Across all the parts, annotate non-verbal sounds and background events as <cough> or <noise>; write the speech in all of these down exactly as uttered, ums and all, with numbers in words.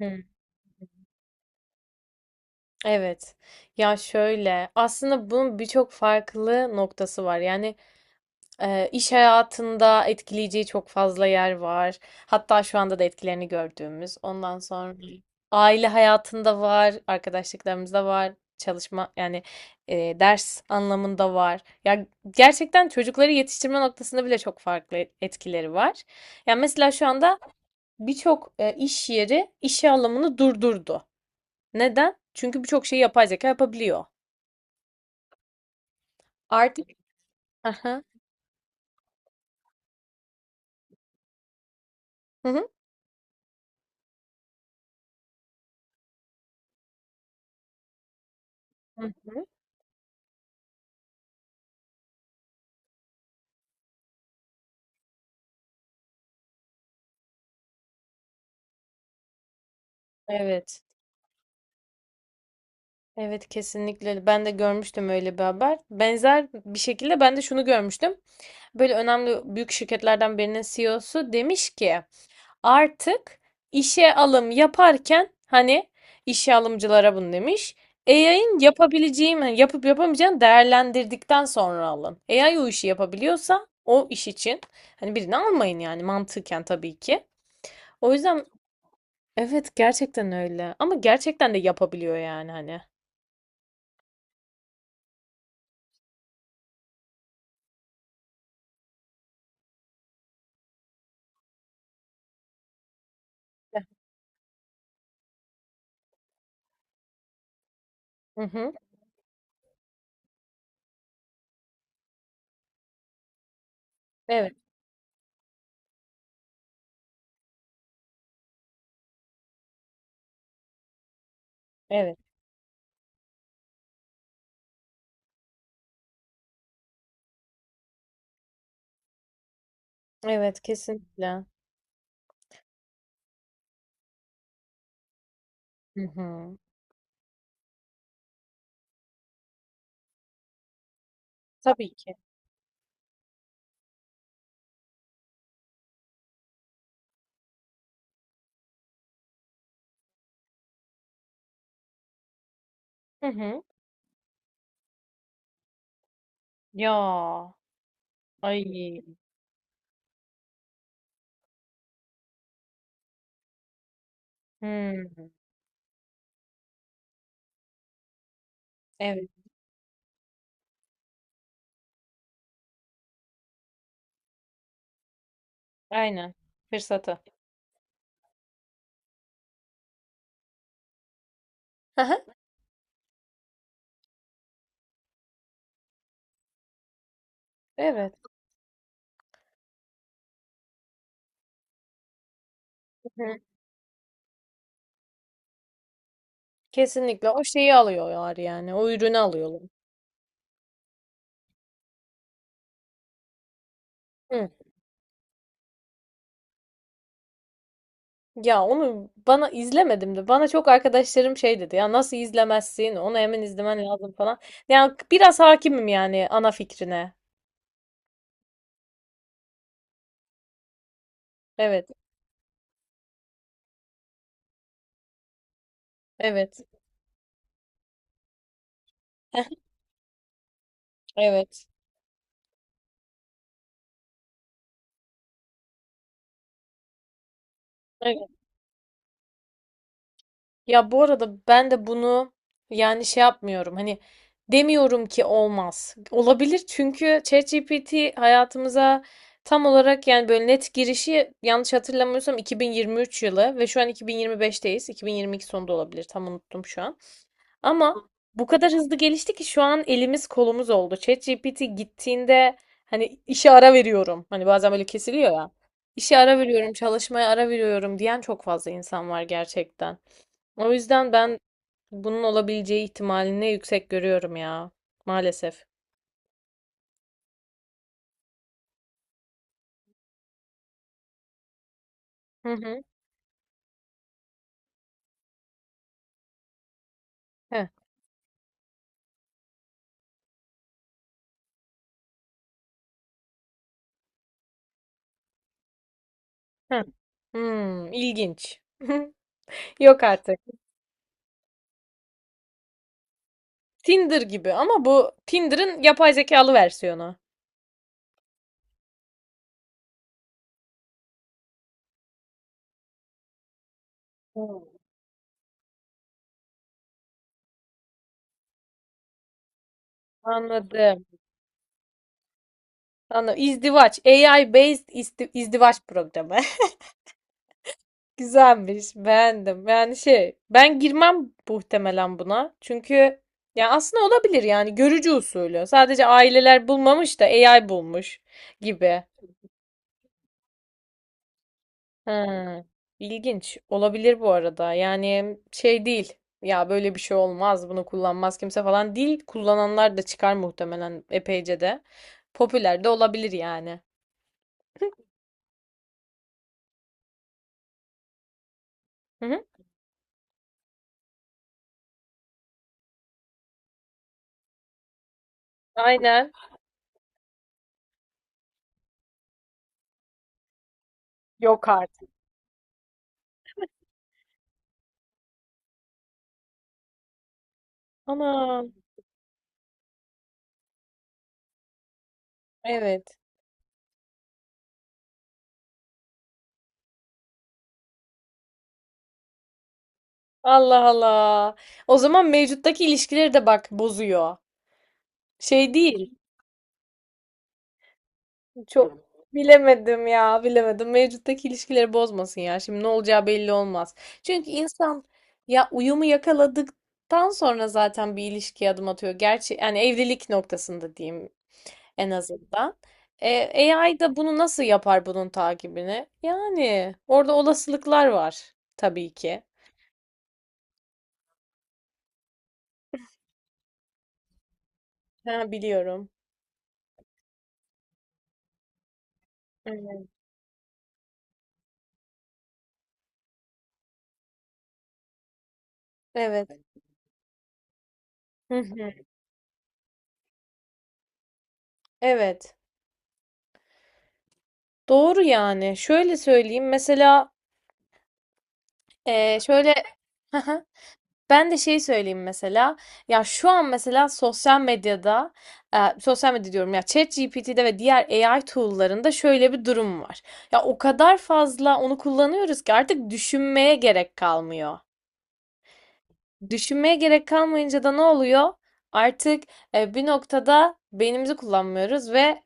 Hı. Evet. Ya şöyle aslında bunun birçok farklı noktası var. Yani Eee, iş hayatında etkileyeceği çok fazla yer var. Hatta şu anda da etkilerini gördüğümüz. Ondan sonra aile hayatında var, arkadaşlıklarımızda var, çalışma yani eee, ders anlamında var. Ya gerçekten çocukları yetiştirme noktasında bile çok farklı etkileri var. Yani mesela şu anda birçok e, iş yeri işe alımını durdurdu. Neden? Çünkü birçok şeyi yapay zeka yapabiliyor. Artık. Aha. Hı hı. Hı hı. Evet. Evet, kesinlikle, ben de görmüştüm öyle bir haber. Benzer bir şekilde ben de şunu görmüştüm. Böyle önemli büyük şirketlerden birinin C E O'su demiş ki artık işe alım yaparken hani işe alımcılara bunu demiş. A I'ın yapabileceği mi yapıp yapamayacağını değerlendirdikten sonra alın. A I o işi yapabiliyorsa o iş için hani birini almayın yani mantıken tabii ki. O yüzden. Evet, gerçekten öyle. Ama gerçekten de yapabiliyor yani hani. Hı hı. Evet, evet. Evet, kesinlikle. Hı hı. Tabii ki. Hı hı. Ya. Ay. Hı. Evet, aynen. Fırsatı. Hı hı. Evet. Hı hı. Kesinlikle o şeyi alıyorlar yani. O ürünü alıyorlar. Hı. Ya onu bana izlemedim de bana çok arkadaşlarım şey dedi ya nasıl izlemezsin onu hemen izlemen lazım falan. Yani biraz hakimim yani ana fikrine. Evet, evet, <laughs> evet. Evet. Ya bu arada ben de bunu yani şey yapmıyorum hani demiyorum ki olmaz. Olabilir çünkü ChatGPT hayatımıza tam olarak yani böyle net girişi yanlış hatırlamıyorsam iki bin yirmi üç yılı ve şu an iki bin yirmi beşteyiz. iki bin yirmi iki sonunda olabilir, tam unuttum şu an. Ama bu kadar hızlı gelişti ki şu an elimiz kolumuz oldu. ChatGPT gittiğinde hani işe ara veriyorum. Hani bazen böyle kesiliyor ya. İşe ara veriyorum, çalışmaya ara veriyorum diyen çok fazla insan var gerçekten. O yüzden ben bunun olabileceği ihtimalini yüksek görüyorum ya. Maalesef. Hı hı. Heh, heh. Hmm, ilginç. <laughs> Yok artık. Tinder gibi ama bu Tinder'ın yapay zekalı versiyonu. Hmm. Anladım. Anladım. İzdivaç. A I based isti- izdivaç programı. <laughs> Güzelmiş. Beğendim. Yani şey ben girmem muhtemelen buna. Çünkü ya aslında olabilir yani görücü usulü. Sadece aileler bulmamış da A I bulmuş gibi. Hmm. İlginç. Olabilir bu arada. Yani şey değil. Ya böyle bir şey olmaz. Bunu kullanmaz kimse falan değil. Kullananlar da çıkar muhtemelen epeyce de. Popüler de olabilir yani. Hı hı. Aynen. Yok artık. Ana. Evet. Allah Allah. O zaman mevcuttaki ilişkileri de bak bozuyor. Şey değil. Çok bilemedim ya, bilemedim. Mevcuttaki ilişkileri bozmasın ya. Şimdi ne olacağı belli olmaz. Çünkü insan ya uyumu yakaladıktan sonra zaten bir ilişkiye adım atıyor. Gerçi yani evlilik noktasında diyeyim en azından. E, A I da bunu nasıl yapar bunun takibini? Yani orada olasılıklar var tabii ki. Ha, biliyorum. Evet. Evet. Hı hı. Evet. Doğru yani. Şöyle söyleyeyim. Mesela eee, şöyle <laughs> ben de şey söyleyeyim mesela. Ya şu an mesela sosyal medyada eee, sosyal medya diyorum ya ChatGPT'de ve diğer A I tool'larında şöyle bir durum var. Ya o kadar fazla onu kullanıyoruz ki artık düşünmeye gerek kalmıyor. Düşünmeye gerek kalmayınca da ne oluyor? Artık e, bir noktada beynimizi kullanmıyoruz ve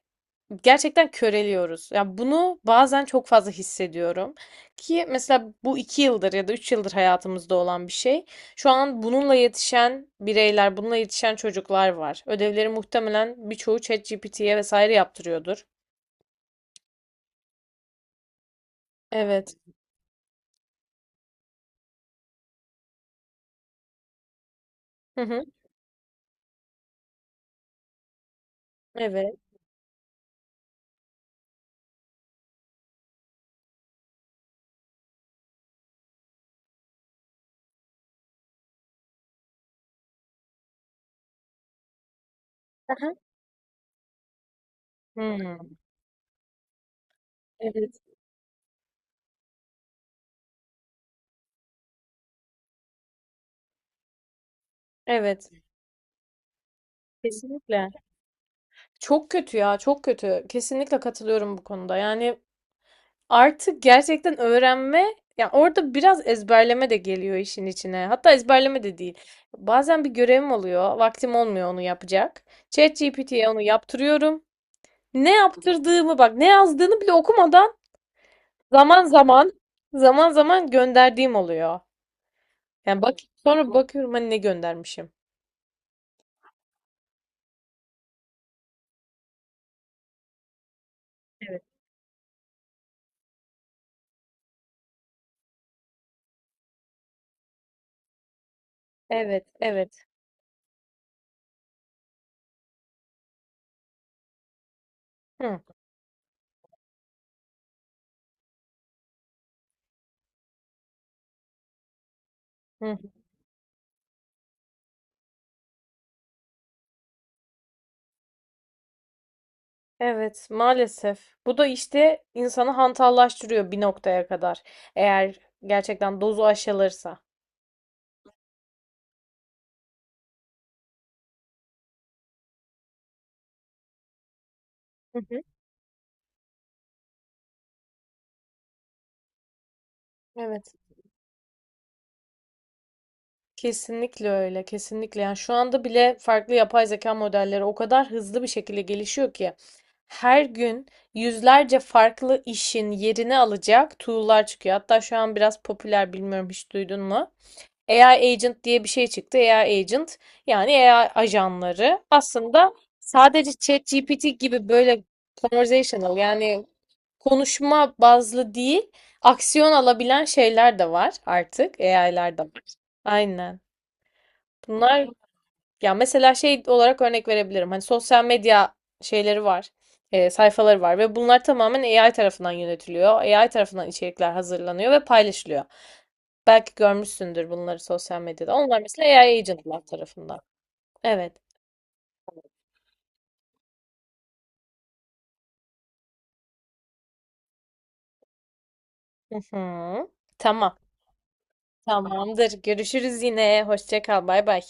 gerçekten köreliyoruz. Ya bunu bazen çok fazla hissediyorum ki mesela bu iki yıldır ya da üç yıldır hayatımızda olan bir şey. Şu an bununla yetişen bireyler, bununla yetişen çocuklar var. Ödevleri muhtemelen birçoğu ChatGPT'ye vesaire yaptırıyordur. Evet. Hı hı. Evet. Aha. Hmm. Evet. Evet. Kesinlikle. Çok kötü ya, çok kötü. Kesinlikle katılıyorum bu konuda. Yani artık gerçekten öğrenme, yani orada biraz ezberleme de geliyor işin içine. Hatta ezberleme de değil. Bazen bir görevim oluyor, vaktim olmuyor onu yapacak. ChatGPT'ye onu yaptırıyorum. Ne yaptırdığımı bak, ne yazdığını bile okumadan zaman zaman zaman zaman gönderdiğim oluyor. Yani bak, sonra bakıyorum hani ne göndermişim. Evet. Evet, evet. Hı, hı. Evet, maalesef. Bu da işte insanı hantallaştırıyor bir noktaya kadar. Eğer gerçekten dozu aşılırsa. Hı hı. Evet. Kesinlikle öyle, kesinlikle. Yani şu anda bile farklı yapay zeka modelleri o kadar hızlı bir şekilde gelişiyor ki her gün yüzlerce farklı işin yerini alacak tool'lar çıkıyor. Hatta şu an biraz popüler, bilmiyorum, hiç duydun mu? A I agent diye bir şey çıktı. A I agent yani A I ajanları aslında sadece ChatGPT gibi böyle conversational yani konuşma bazlı değil, aksiyon alabilen şeyler de var artık A I'larda. Aynen. Bunlar ya mesela şey olarak örnek verebilirim. Hani sosyal medya şeyleri var, e, sayfaları var ve bunlar tamamen A I tarafından yönetiliyor. A I tarafından içerikler hazırlanıyor ve paylaşılıyor. Belki görmüşsündür bunları sosyal medyada. Onlar mesela A I agentlar tarafından. Evet. Hı hı. Tamam. Tamamdır. Görüşürüz yine. Hoşça kal. Bay bay.